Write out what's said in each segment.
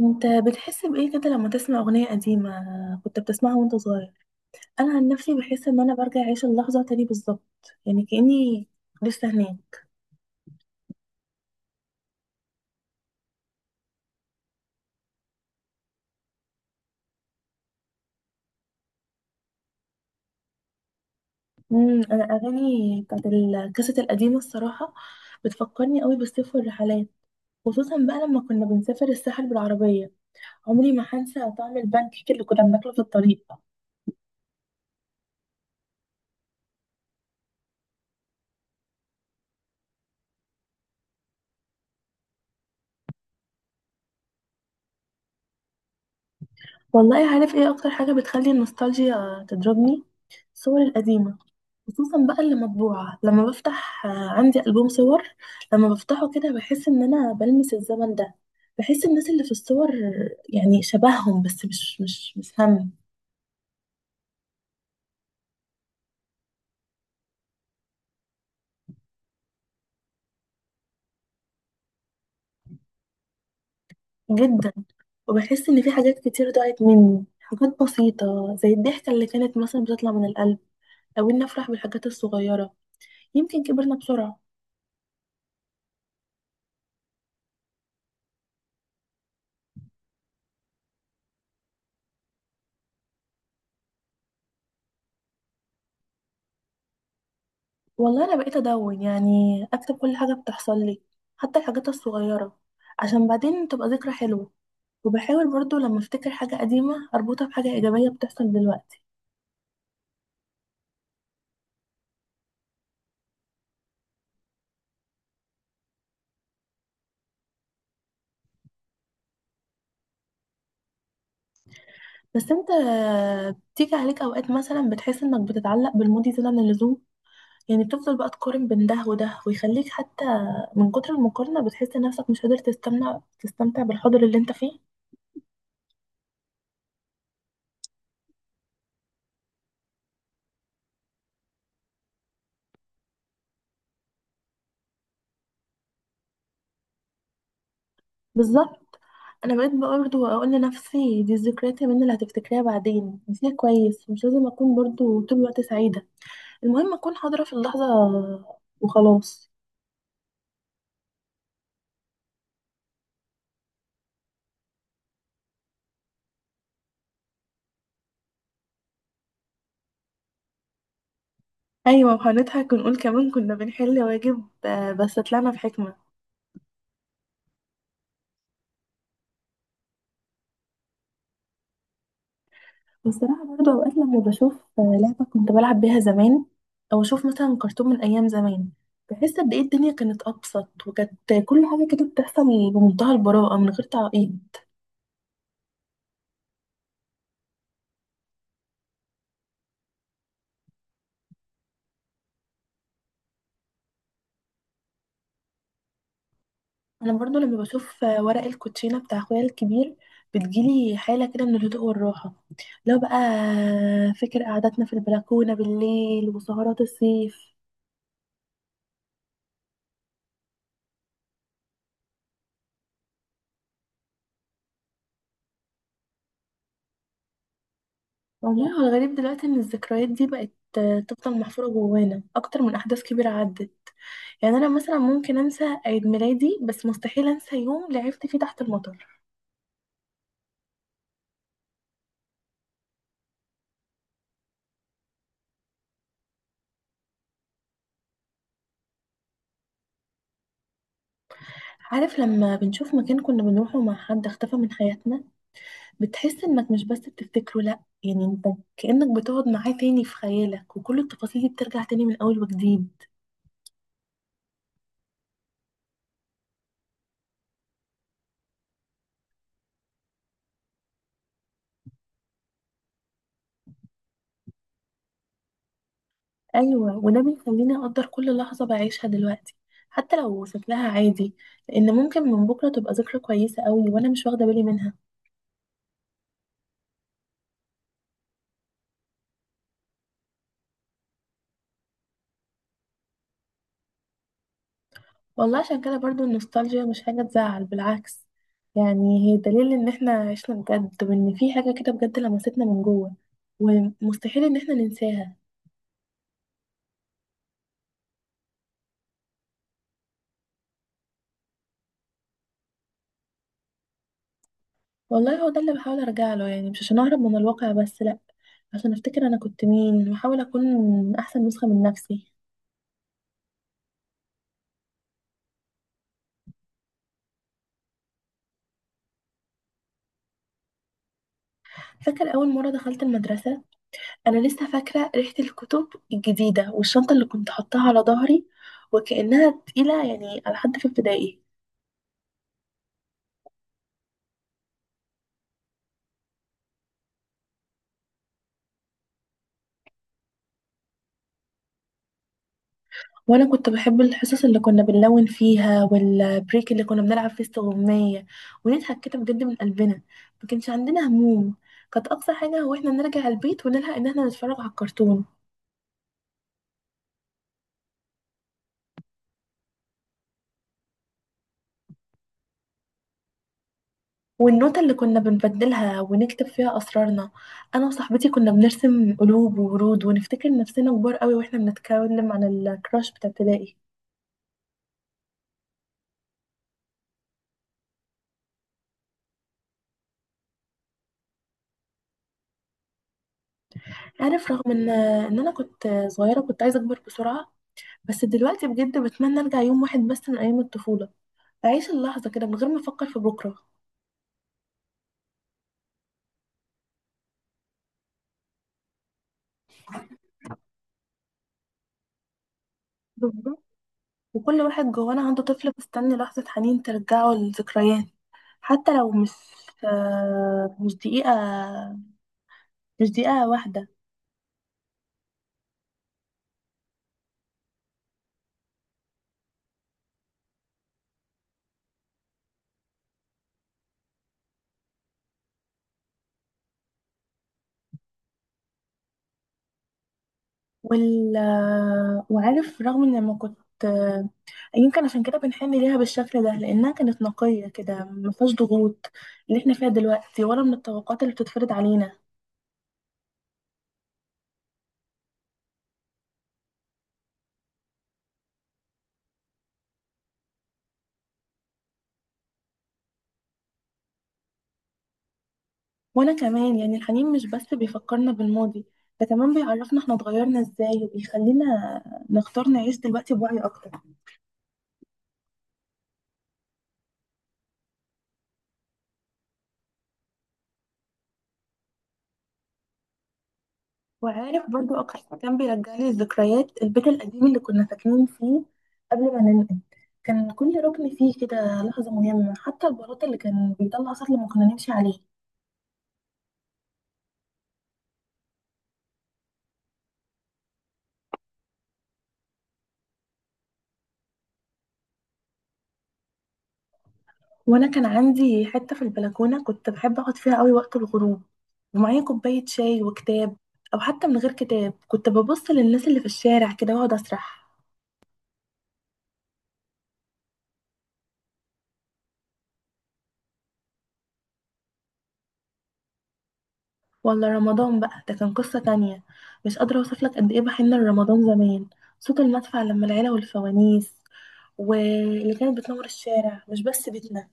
انت بتحس بايه كده لما تسمع اغنيه قديمه كنت بتسمعها وانت صغير؟ انا عن نفسي بحس ان انا برجع اعيش اللحظه تاني بالظبط، يعني كاني لسه هناك. انا اغاني بتاعت الكاسيت القديمه الصراحه بتفكرني قوي بالصيف والرحلات، خصوصا بقى لما كنا بنسافر الساحل بالعربيه. عمري ما هنسى طعم البان كيك اللي كنا بناكله في الطريق. والله عارف ايه اكتر حاجه بتخلي النوستالجيا تضربني؟ الصور القديمه، خصوصا بقى اللي مطبوعة. لما بفتح عندي ألبوم صور، لما بفتحه كده بحس إن أنا بلمس الزمن ده. بحس الناس اللي في الصور، يعني شبههم بس مش هم. جدا، وبحس إن في حاجات كتير ضاعت مني، حاجات بسيطة زي الضحكة اللي كانت مثلا بتطلع من القلب، أو إني أفرح بالحاجات الصغيرة. يمكن كبرنا بسرعة. والله أنا بقيت أدون، يعني أكتب كل حاجة بتحصل لي، حتى الحاجات الصغيرة، عشان بعدين تبقى ذكرى حلوة. وبحاول برضو لما افتكر حاجة قديمة اربطها بحاجة ايجابية بتحصل دلوقتي. بس انت بتيجي عليك اوقات مثلا بتحس انك بتتعلق بالماضي زيادة عن اللزوم؟ يعني بتفضل بقى تقارن بين ده وده، ويخليك حتى من كتر المقارنة بتحس نفسك مش قادر تستمتع بالحاضر اللي انت فيه. بالظبط، انا بقيت برضو اقول لنفسي، دي الذكريات يا منى اللي هتفتكريها بعدين، دي كويس. مش لازم اكون برضو طول الوقت سعيدة، المهم اكون حاضرة في اللحظة وخلاص. ايوه، وهنضحك ونقول كمان كنا بنحل واجب بس طلعنا بحكمه. والصراحه برضو اوقات لما بشوف لعبه كنت بلعب بيها زمان، او اشوف مثلا كرتون من ايام زمان، بحس قد ايه الدنيا كانت ابسط، وكانت كل حاجه كده بتحصل بمنتهى البراءه من غير تعقيد. انا برضو لما بشوف ورق الكوتشينه بتاع اخويا الكبير، بتجيلي حاله كده من الهدوء والراحه. لو بقى فكر قعدتنا في البلكونه بالليل وسهرات الصيف. والله هو الغريب دلوقتي ان الذكريات دي بقت تفضل محفورة جوانا اكتر من احداث كبيرة عدت. يعني انا مثلا ممكن انسى عيد ميلادي، بس مستحيل انسى يوم لعبت فيه تحت المطر. عارف لما بنشوف مكان كنا بنروحه مع حد اختفى من حياتنا، بتحس انك مش بس بتفتكره لا، يعني انت كأنك بتقعد معاه تاني في خيالك، وكل التفاصيل دي بترجع تاني من اول وجديد. ايوه، وده بيخليني اقدر كل لحظة بعيشها دلوقتي، حتى لو شكلها عادي، لان ممكن من بكرة تبقى ذكرى كويسة قوي وانا مش واخدة بالي منها. والله عشان كده برضو النوستالجيا مش حاجة تزعل، بالعكس، يعني هي دليل ان احنا عشنا بجد، وان في حاجة كده بجد لمستنا من جوه ومستحيل ان احنا ننساها. والله هو ده اللي بحاول ارجع له، يعني مش عشان اهرب من الواقع، بس لا، عشان افتكر انا كنت مين، واحاول اكون احسن نسخة من نفسي. فاكر اول مرة دخلت المدرسة؟ انا لسه فاكرة ريحة الكتب الجديدة والشنطة اللي كنت حطاها على ظهري وكأنها تقيلة، يعني على حد في ابتدائي. وانا كنت بحب الحصص اللي كنا بنلون فيها، والبريك اللي كنا بنلعب فيه استغماية ونضحك كده بجد من قلبنا. ما كانش عندنا هموم، كانت اقصى حاجة هو احنا نرجع البيت ونلحق ان احنا نتفرج على الكرتون. والنوتة اللي كنا بنبدلها ونكتب فيها اسرارنا، انا وصاحبتي كنا بنرسم قلوب وورود ونفتكر نفسنا كبار قوي واحنا بنتكلم عن الكراش بتاع ابتدائي. عارف رغم ان انا كنت صغيرة كنت عايزة اكبر بسرعة، بس دلوقتي بجد بتمنى ارجع يوم واحد بس من ايام الطفولة، أعيش اللحظة كده من غير ما أفكر في بكرة. بالظبط، وكل واحد جوانا عنده طفل مستني لحظة حنين ترجعه للذكريات، حتى لو مش مش دقيقة، مش دقيقة واحدة. وال آه، وعارف رغم إن لما كنت يمكن عشان كده بنحن ليها بالشكل ده لأنها كانت نقية كده، ما فيهاش ضغوط اللي احنا فيها دلوقتي، ولا من الطبقات اللي بتتفرض علينا. وانا كمان يعني الحنين مش بس بيفكرنا بالماضي، ده كمان بيعرفنا احنا اتغيرنا ازاي، وبيخلينا نختار نعيش دلوقتي بوعي اكتر. وعارف برضو اكتر كان بيرجعلي الذكريات البيت القديم اللي كنا ساكنين فيه قبل ما ننقل. كان كل ركن فيه كده لحظة مهمة، حتى البلاط اللي كان بيطلع صوت لما كنا نمشي عليه. وانا كان عندي حتة في البلكونة كنت بحب اقعد فيها قوي وقت الغروب، ومعايا كوباية شاي وكتاب، او حتى من غير كتاب كنت ببص للناس اللي في الشارع كده واقعد اسرح. ولا رمضان بقى ده كان قصة تانية، مش قادرة أوصف لك قد إيه بحن لرمضان زمان. صوت المدفع لما العيلة، والفوانيس واللي كانت بتنور الشارع مش بس بيتنا.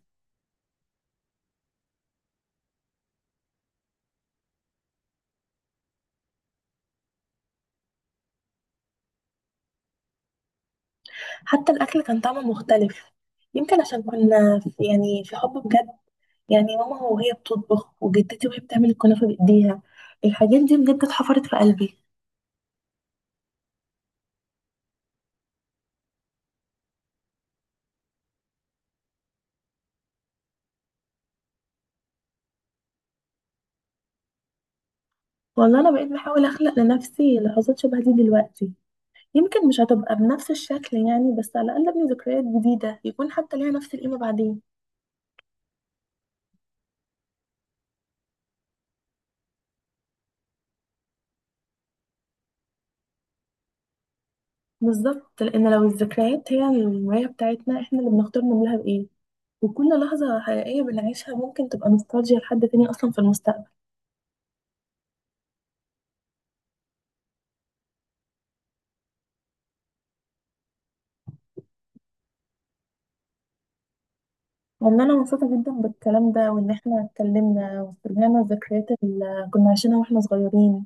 حتى الأكل كان طعمه مختلف، يمكن عشان كنا في يعني في حب بجد. يعني ماما وهي بتطبخ، وجدتي وهي بتعمل الكنافة بإيديها، الحاجات دي بجد اتحفرت في قلبي. والله أنا بقيت بحاول أخلق لنفسي لحظات شبه دي دلوقتي، يمكن مش هتبقى بنفس الشكل يعني، بس على الأقل أبني ذكريات جديدة يكون حتى ليها نفس القيمة بعدين. بالظبط، لان لو الذكريات هي المراية بتاعتنا، احنا اللي بنختار نعملها بايه، وكل لحظة حقيقية بنعيشها ممكن تبقى نوستالجيا لحد تاني اصلا في المستقبل. والله انا مبسوطة جدا بالكلام ده، وان احنا اتكلمنا واسترجعنا الذكريات اللي كنا عايشينها واحنا صغيرين.